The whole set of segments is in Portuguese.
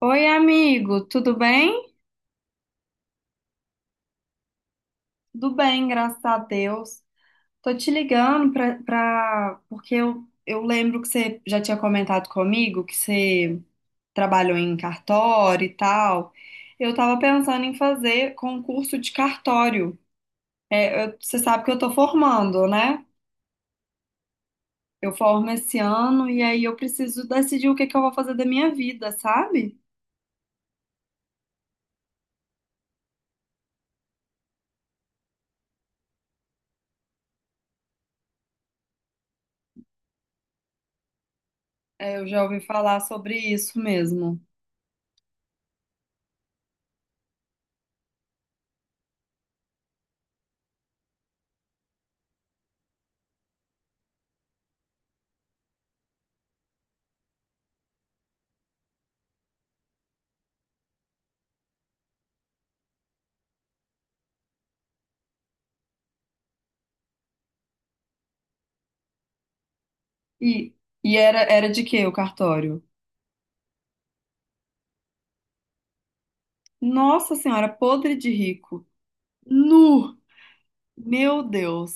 Oi, amigo, tudo bem? Tudo bem, graças a Deus. Tô te ligando porque eu lembro que você já tinha comentado comigo que você trabalhou em cartório e tal. Eu tava pensando em fazer concurso de cartório. Eu- você sabe que eu tô formando, né? Eu formo esse ano e aí eu preciso decidir o que que eu vou fazer da minha vida, sabe? É, eu já ouvi falar sobre isso mesmo. E, e era, era de quê o cartório? Nossa Senhora, podre de rico. Nu! Meu Deus.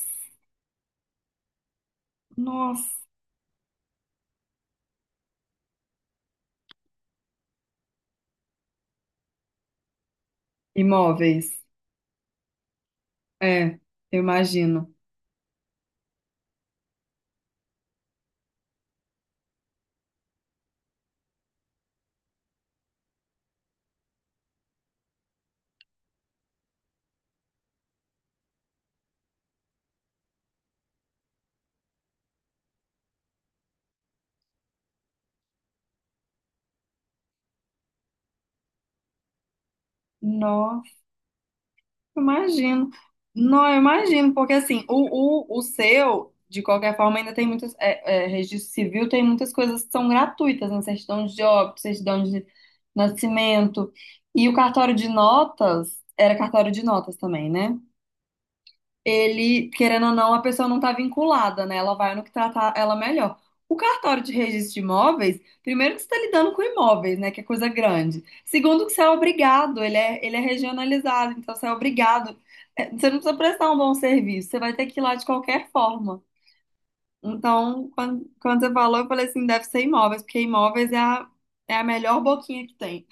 Nossa. Imóveis. É, eu imagino. Nossa, eu imagino. Não, eu imagino, porque assim, o seu, de qualquer forma, ainda tem muitas. Registro civil tem muitas coisas que são gratuitas, né? Certidão de óbito, certidão de nascimento. E o cartório de notas, era cartório de notas também, né? Ele, querendo ou não, a pessoa não está vinculada, né? Ela vai no que tratar ela melhor. O cartório de registro de imóveis, primeiro que você está lidando com imóveis, né? Que é coisa grande. Segundo que você é obrigado, ele é regionalizado, então você é obrigado. É, você não precisa prestar um bom serviço, você vai ter que ir lá de qualquer forma. Então, quando você falou, eu falei assim, deve ser imóveis, porque imóveis é a melhor boquinha que tem.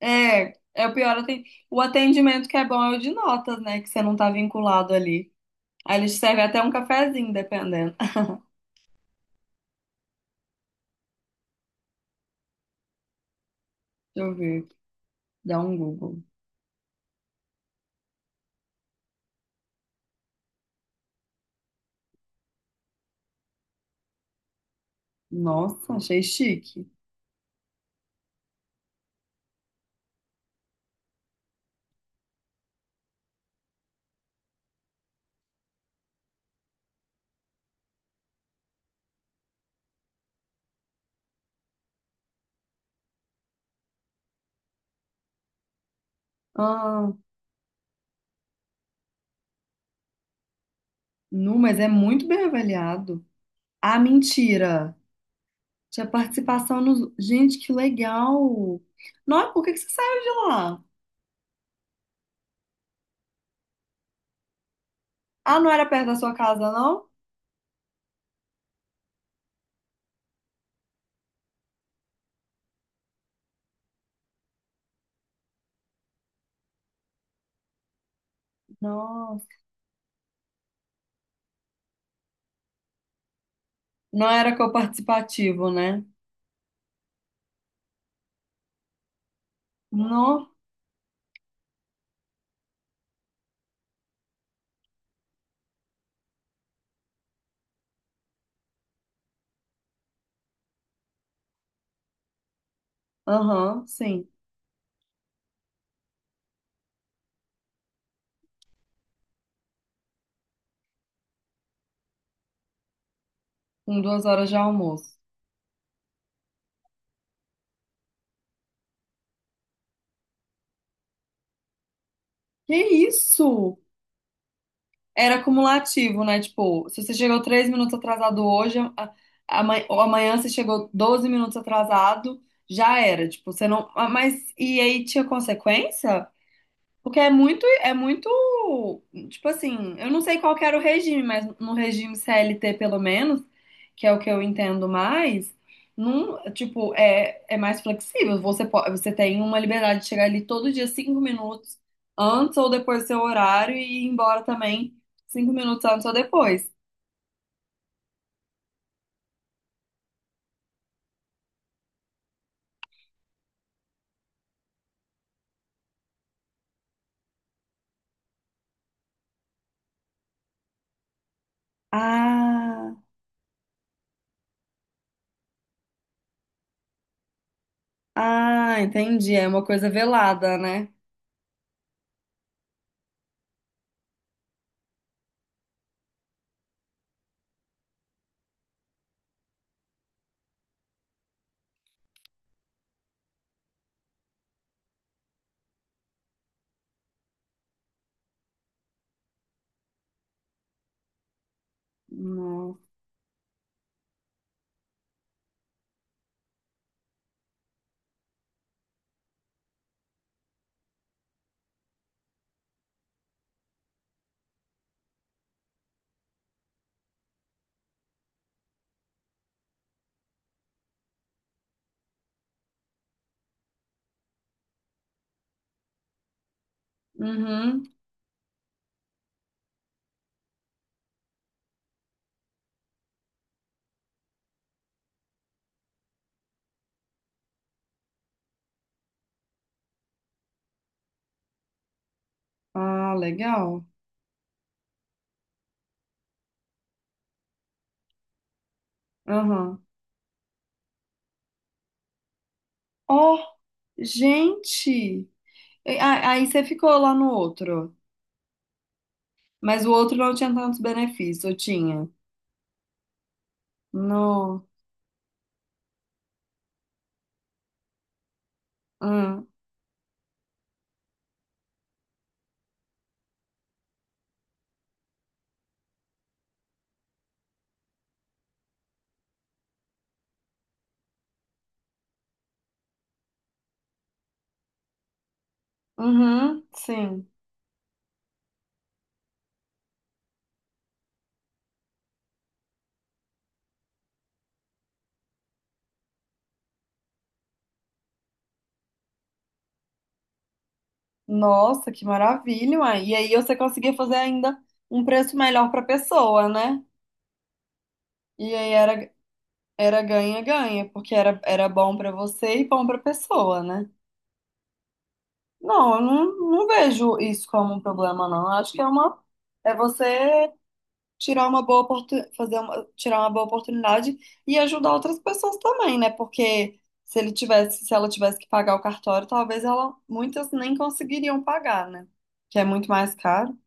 É o pior, o atendimento que é bom é o de notas, né? Que você não tá vinculado ali. Aí eles servem até um cafezinho, dependendo. Deixa eu ver aqui. Dá um Google. Nossa, achei chique. Ah, nu, mas é muito bem avaliado. Ah, mentira. Tinha participação nos. Gente, que legal. Nossa, por que que você saiu de lá? Ah, não era perto da sua casa, não? Nossa. Não era coparticipativo, né? Não. Aham, sim. Com duas horas de almoço. Que isso? Era cumulativo, né? Tipo, se você chegou três minutos atrasado hoje, ou amanhã você chegou 12 minutos atrasado, já era. Tipo, você não. Mas e aí tinha consequência? Porque é muito, tipo assim, eu não sei qual que era o regime, mas no regime CLT, pelo menos, que é o que eu entendo mais, não, tipo, é mais flexível. Você pode, você tem uma liberdade de chegar ali todo dia cinco minutos antes ou depois do seu horário e ir embora também cinco minutos antes ou depois. Ah, ah, entendi. É uma coisa velada, né? Não. Uhum. Ah, legal. Aham. Gente, aí você ficou lá no outro, mas o outro não tinha tantos benefícios, eu tinha. No, hum, uhum, sim. Nossa, que maravilha, uai. E aí você conseguia fazer ainda um preço melhor para pessoa, né? E aí era ganha-ganha, porque era bom para você e bom para pessoa, né? Não, eu não, não vejo isso como um problema, não. Eu acho que é uma é você tirar uma fazer uma, tirar uma boa oportunidade e ajudar outras pessoas também, né? Porque se ele tivesse, se ela tivesse que pagar o cartório, talvez ela muitas nem conseguiriam pagar, né? Que é muito mais caro.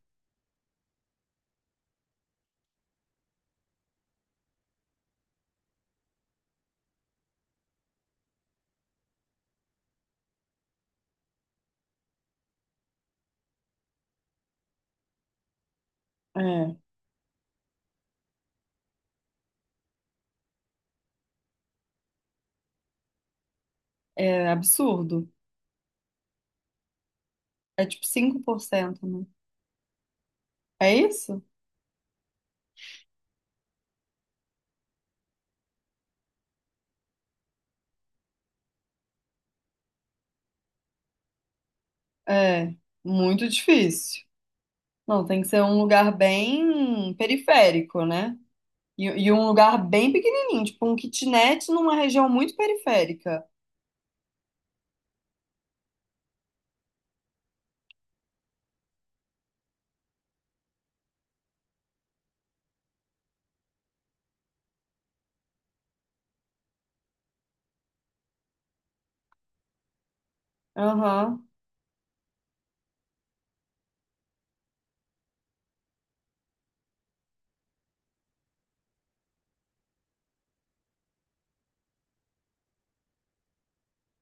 É, é absurdo. É tipo 5%, né? É isso? É, muito difícil. Não, tem que ser um lugar bem periférico, né? E um lugar bem pequenininho, tipo um kitnet numa região muito periférica. Aham.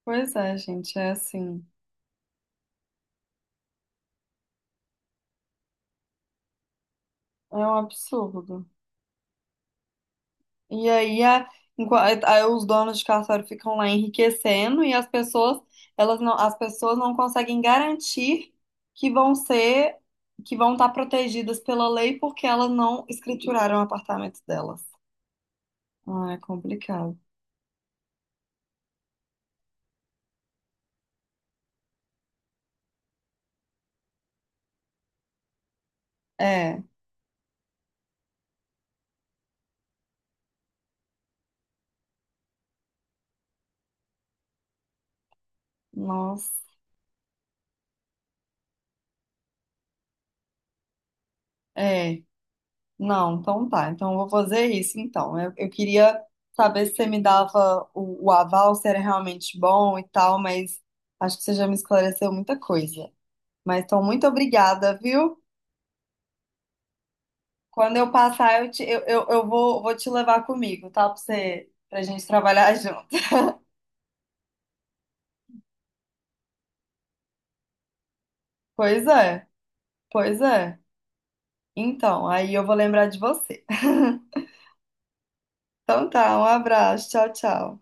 Pois é, gente, é assim, é um absurdo. E aí, aí os donos de cartório ficam lá enriquecendo e as pessoas, elas não, as pessoas não conseguem garantir que vão ser, que vão estar protegidas pela lei porque elas não escrituraram o apartamento delas. Ah, é complicado. É, nossa, é. Não, então tá. Então eu vou fazer isso então. Eu queria saber se você me dava o aval, se era realmente bom e tal, mas acho que você já me esclareceu muita coisa. Mas então, muito obrigada, viu? Quando eu passar, eu, te- eu vou, vou te levar comigo, tá? Pra gente trabalhar junto. Pois é, pois é. Então, aí eu vou lembrar de você. Então tá, um abraço, tchau, tchau.